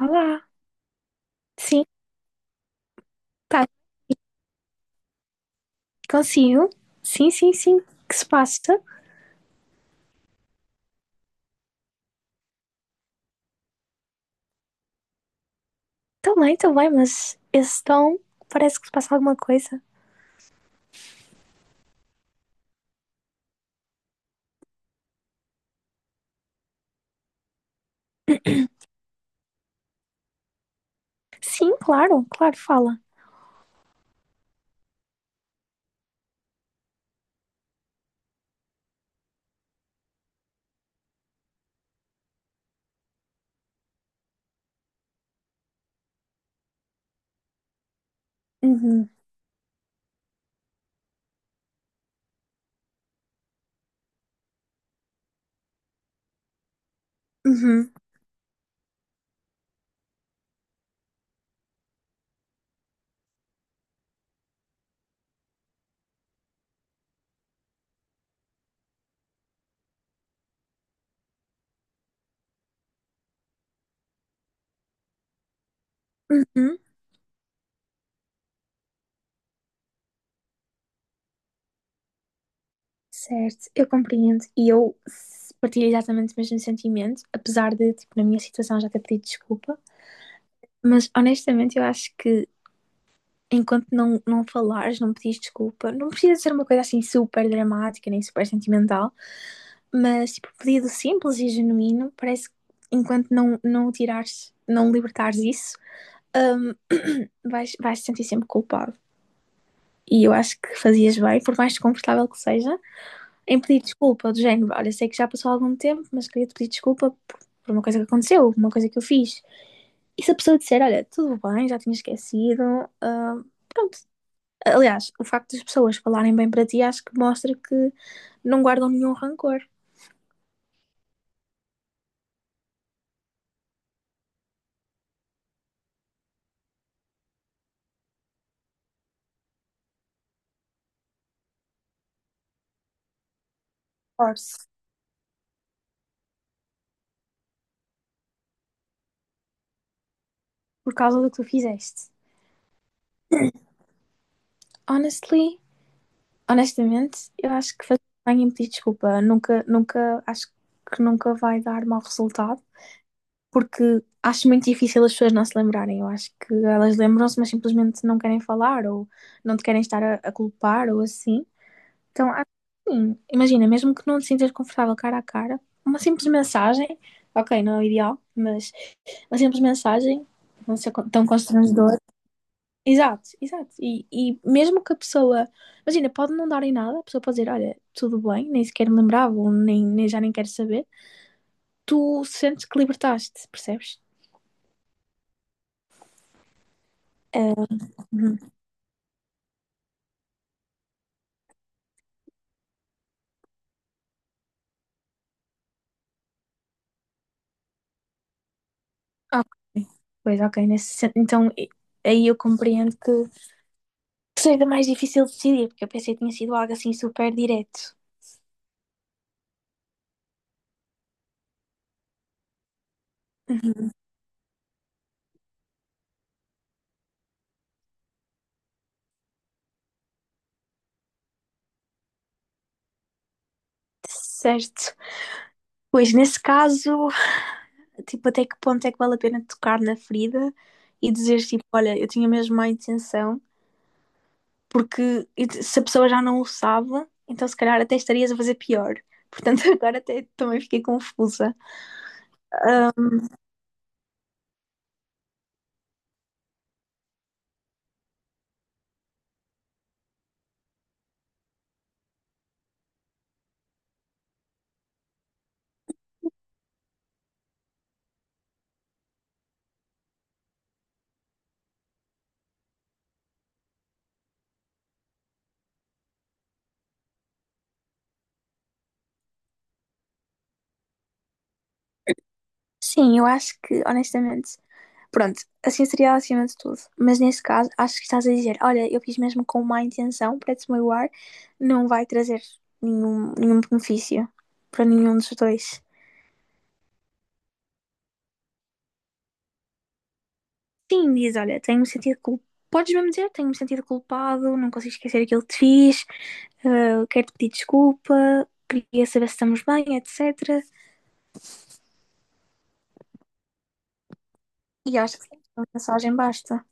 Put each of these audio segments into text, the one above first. Olá, sim, tá, consigo. Sim, sim, sim, que se passa? Também, também, mas esse tom parece que se passa alguma coisa. Sim, claro, claro, fala. Uhum, uhum, uhum. Certo, eu compreendo. E eu partilho exatamente o mesmo sentimento, apesar de, tipo, na minha situação já ter pedido desculpa. Mas honestamente, eu acho que enquanto não falares, não pedires desculpa, não precisa ser uma coisa assim super dramática nem super sentimental. Mas, tipo, pedido simples e genuíno, parece que enquanto não tirares, não libertares isso, hum, vais te sentir sempre culpado. E eu acho que fazias bem, por mais desconfortável que seja, em pedir desculpa do género. Olha, sei que já passou algum tempo, mas queria te pedir desculpa por uma coisa que aconteceu, uma coisa que eu fiz. E se a pessoa disser, olha, tudo bem, já tinha esquecido, pronto. Aliás, o facto das pessoas falarem bem para ti acho que mostra que não guardam nenhum rancor por causa do que tu fizeste. Honestly, honestamente, eu acho que fazer bem em pedir desculpa nunca, nunca, acho que nunca vai dar mau resultado, porque acho muito difícil as pessoas não se lembrarem. Eu acho que elas lembram-se, mas simplesmente não querem falar ou não te querem estar a culpar ou assim. Então, acho que sim, imagina, mesmo que não te sintas confortável cara a cara, uma simples mensagem, ok, não é o ideal, mas uma simples mensagem, não ser tão constrangedora. Exato, exato. E mesmo que a pessoa, imagina, pode não dar em nada, a pessoa pode dizer, olha, tudo bem, nem sequer me lembrava, ou nem já nem quero saber, tu sentes que libertaste, percebes? Ah, uhum. Ok. Pois, ok, então aí eu compreendo que seja mais difícil decidir, porque eu pensei que tinha sido algo assim super direto. Uhum. Certo. Pois, nesse caso, tipo, até que ponto é que vale a pena tocar na ferida e dizer, tipo, olha, eu tinha mesmo má intenção. Porque se a pessoa já não o sabe, então se calhar até estarias a fazer pior. Portanto, agora até também fiquei confusa. Sim, eu acho que, honestamente. Pronto, assim seria acima de tudo. Mas nesse caso, acho que estás a dizer: olha, eu fiz mesmo com má intenção para desmoiar, não vai trazer nenhum benefício para nenhum dos dois. Sim, diz: olha, tenho-me sentido culpado. Podes mesmo dizer: tenho-me sentido culpado, não consigo esquecer aquilo que te fiz, quero-te pedir desculpa, queria saber se estamos bem, etc. E acho que sim, uma mensagem basta.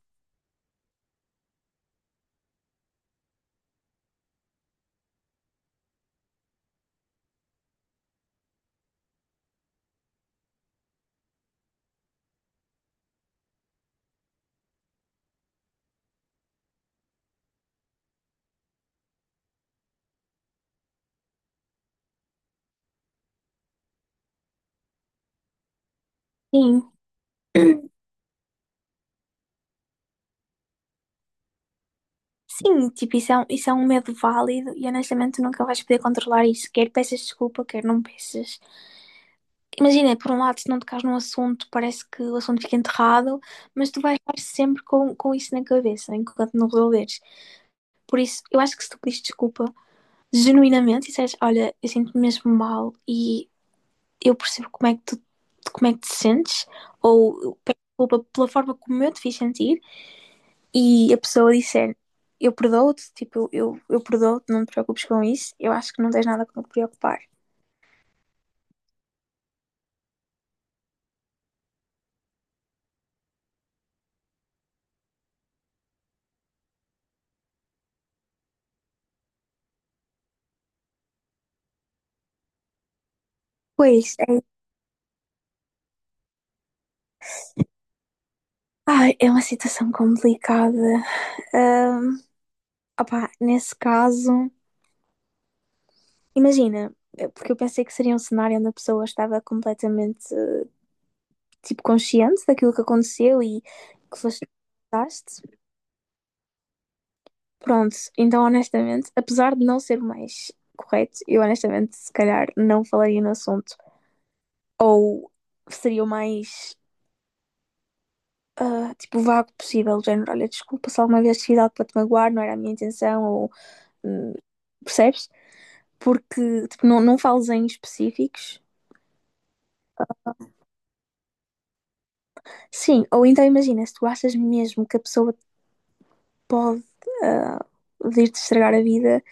Sim. Sim, tipo, isso é um medo válido e honestamente tu nunca vais poder controlar isso. Quer peças desculpa, quer não peças. Imagina, por um lado, se não tocares num assunto, parece que o assunto fica enterrado, mas tu vais estar sempre com isso na cabeça enquanto não resolveres. Por isso, eu acho que se tu pedires desculpa genuinamente e disseres, olha, eu sinto-me mesmo mal e eu percebo como é que te sentes, ou eu peço desculpa pela forma como eu te fiz sentir. E a pessoa disser eu perdoo-te, tipo, eu perdoo-te, não te preocupes com isso, eu acho que não tens nada com que te preocupar. Pois, é, ai, é uma situação complicada. Ahm, opá, nesse caso, imagina, porque eu pensei que seria um cenário onde a pessoa estava completamente, tipo, consciente daquilo que aconteceu e que foste daste. Pronto, então honestamente, apesar de não ser mais correto, eu honestamente, se calhar, não falaria no assunto. Ou seria o mais tipo vago possível, do género, olha, desculpa se alguma vez fiz algo para te magoar, não era a minha intenção, ou hum, percebes? Porque tipo, não fales em específicos. Sim, ou então imagina, se tu achas mesmo que a pessoa pode ah, vir-te estragar a vida,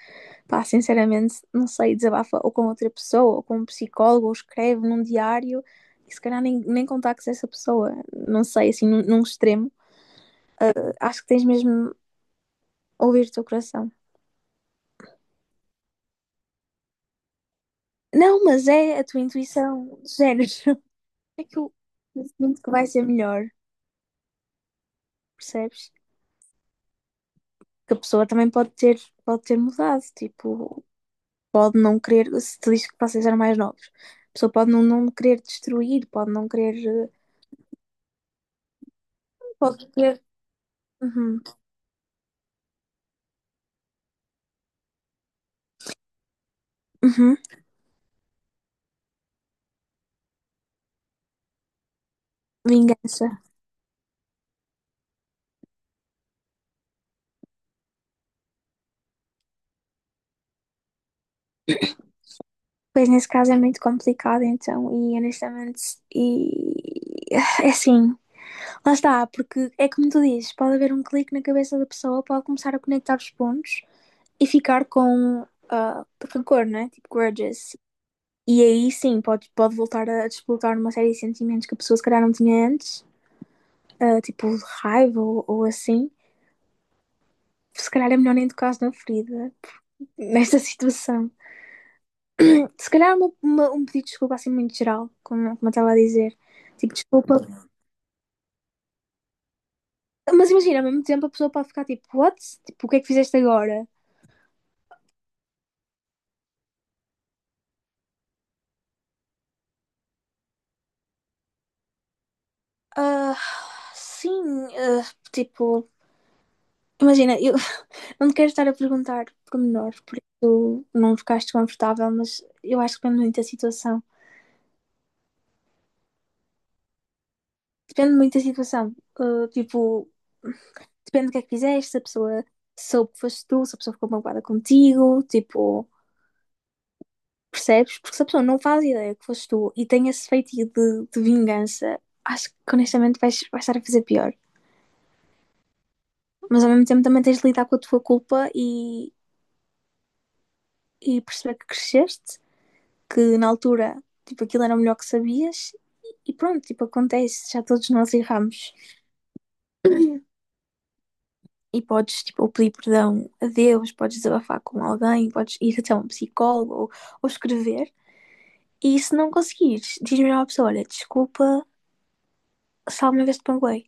pá, sinceramente, não sei, desabafa ou com outra pessoa, ou com um psicólogo, ou escreve num diário. E se calhar nem contactes essa pessoa, não sei, assim, num extremo. Acho que tens mesmo ouvir o teu coração. Não, mas é a tua intuição, de género. É que eu sinto que vai ser melhor, percebes? Que a pessoa também pode ter mudado, tipo, pode não querer, se te diz que vocês eram mais novos, a pessoa pode não querer destruir, pode não querer. Pode querer. Uhum, uhum, vingança. Pois nesse caso é muito complicado, então, e honestamente, e é assim, lá está, porque é como tu dizes, pode haver um clique na cabeça da pessoa, pode começar a conectar os pontos e ficar com rancor, né? Tipo, grudges. E aí sim, pode voltar a desbloquear uma série de sentimentos que a pessoa se calhar não tinha antes, tipo raiva ou assim. Se calhar é melhor nem tocar na ferida, nesta situação. Se calhar um pedido de desculpa assim muito geral, como eu estava a dizer. Tipo, desculpa. Mas imagina, ao mesmo tempo a pessoa pode ficar tipo, what? Tipo, o que é que fizeste agora? Ah, sim, ah, tipo, imagina. Não te quero estar a perguntar pormenores, por isso não ficaste confortável, mas eu acho que depende muito da situação. Depende muito da situação. Tipo, depende do que é que fizeste, se a pessoa soube que foste tu, se a pessoa ficou magoada contigo, tipo, percebes? Porque se a pessoa não faz ideia que foste tu e tem esse feitiço de vingança, acho que honestamente vais estar a fazer pior. Mas ao mesmo tempo também tens de lidar com a tua culpa e perceber que cresceste que na altura, tipo, aquilo era o melhor que sabias e pronto, tipo, acontece, já todos nós erramos. E podes, tipo, pedir perdão a Deus, podes desabafar com alguém, podes ir até um psicólogo ou escrever. E se não conseguires, diz-me à pessoa, olha, desculpa, só uma vez te panguei.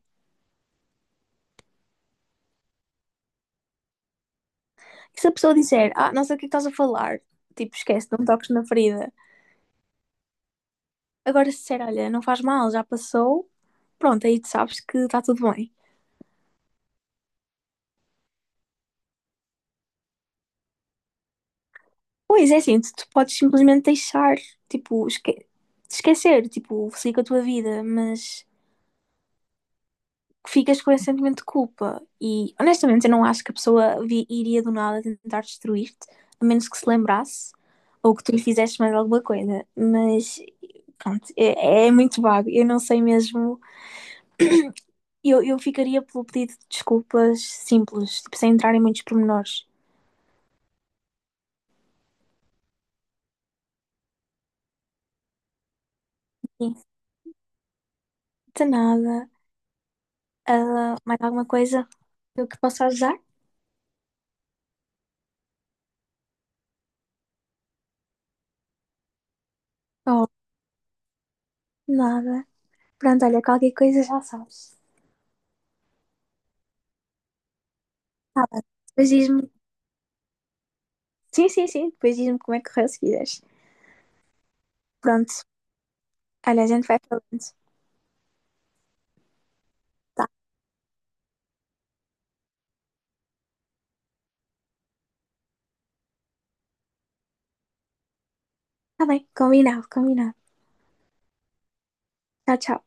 E se a pessoa disser, ah, não sei o que é estás a falar, tipo, esquece, não toques na ferida. Agora se disser, olha, não faz mal, já passou, pronto, aí tu sabes que está tudo bem. Pois é, assim, tu podes simplesmente deixar, tipo, esquecer, tipo, siga a tua vida, mas ficas com esse sentimento de culpa. E honestamente, eu não acho que a pessoa iria do nada tentar destruir-te, a menos que se lembrasse ou que tu lhe fizeste mais alguma coisa. Mas pronto, é muito vago. Eu não sei mesmo. Eu ficaria pelo pedido de desculpas simples, tipo, sem entrar em muitos pormenores. Sim, de nada. Ah, mais alguma coisa que eu que possa ajudar? Oh, nada. Pronto, olha, qualquer coisa já sabes. Tá bem. Depois diz-me. Sim, sim, sim. Depois diz-me como é que correu se quiseres. Pronto. Olha, a gente vai falando. Tá, tá bem. Combinado, combinado. Tchau, tchau.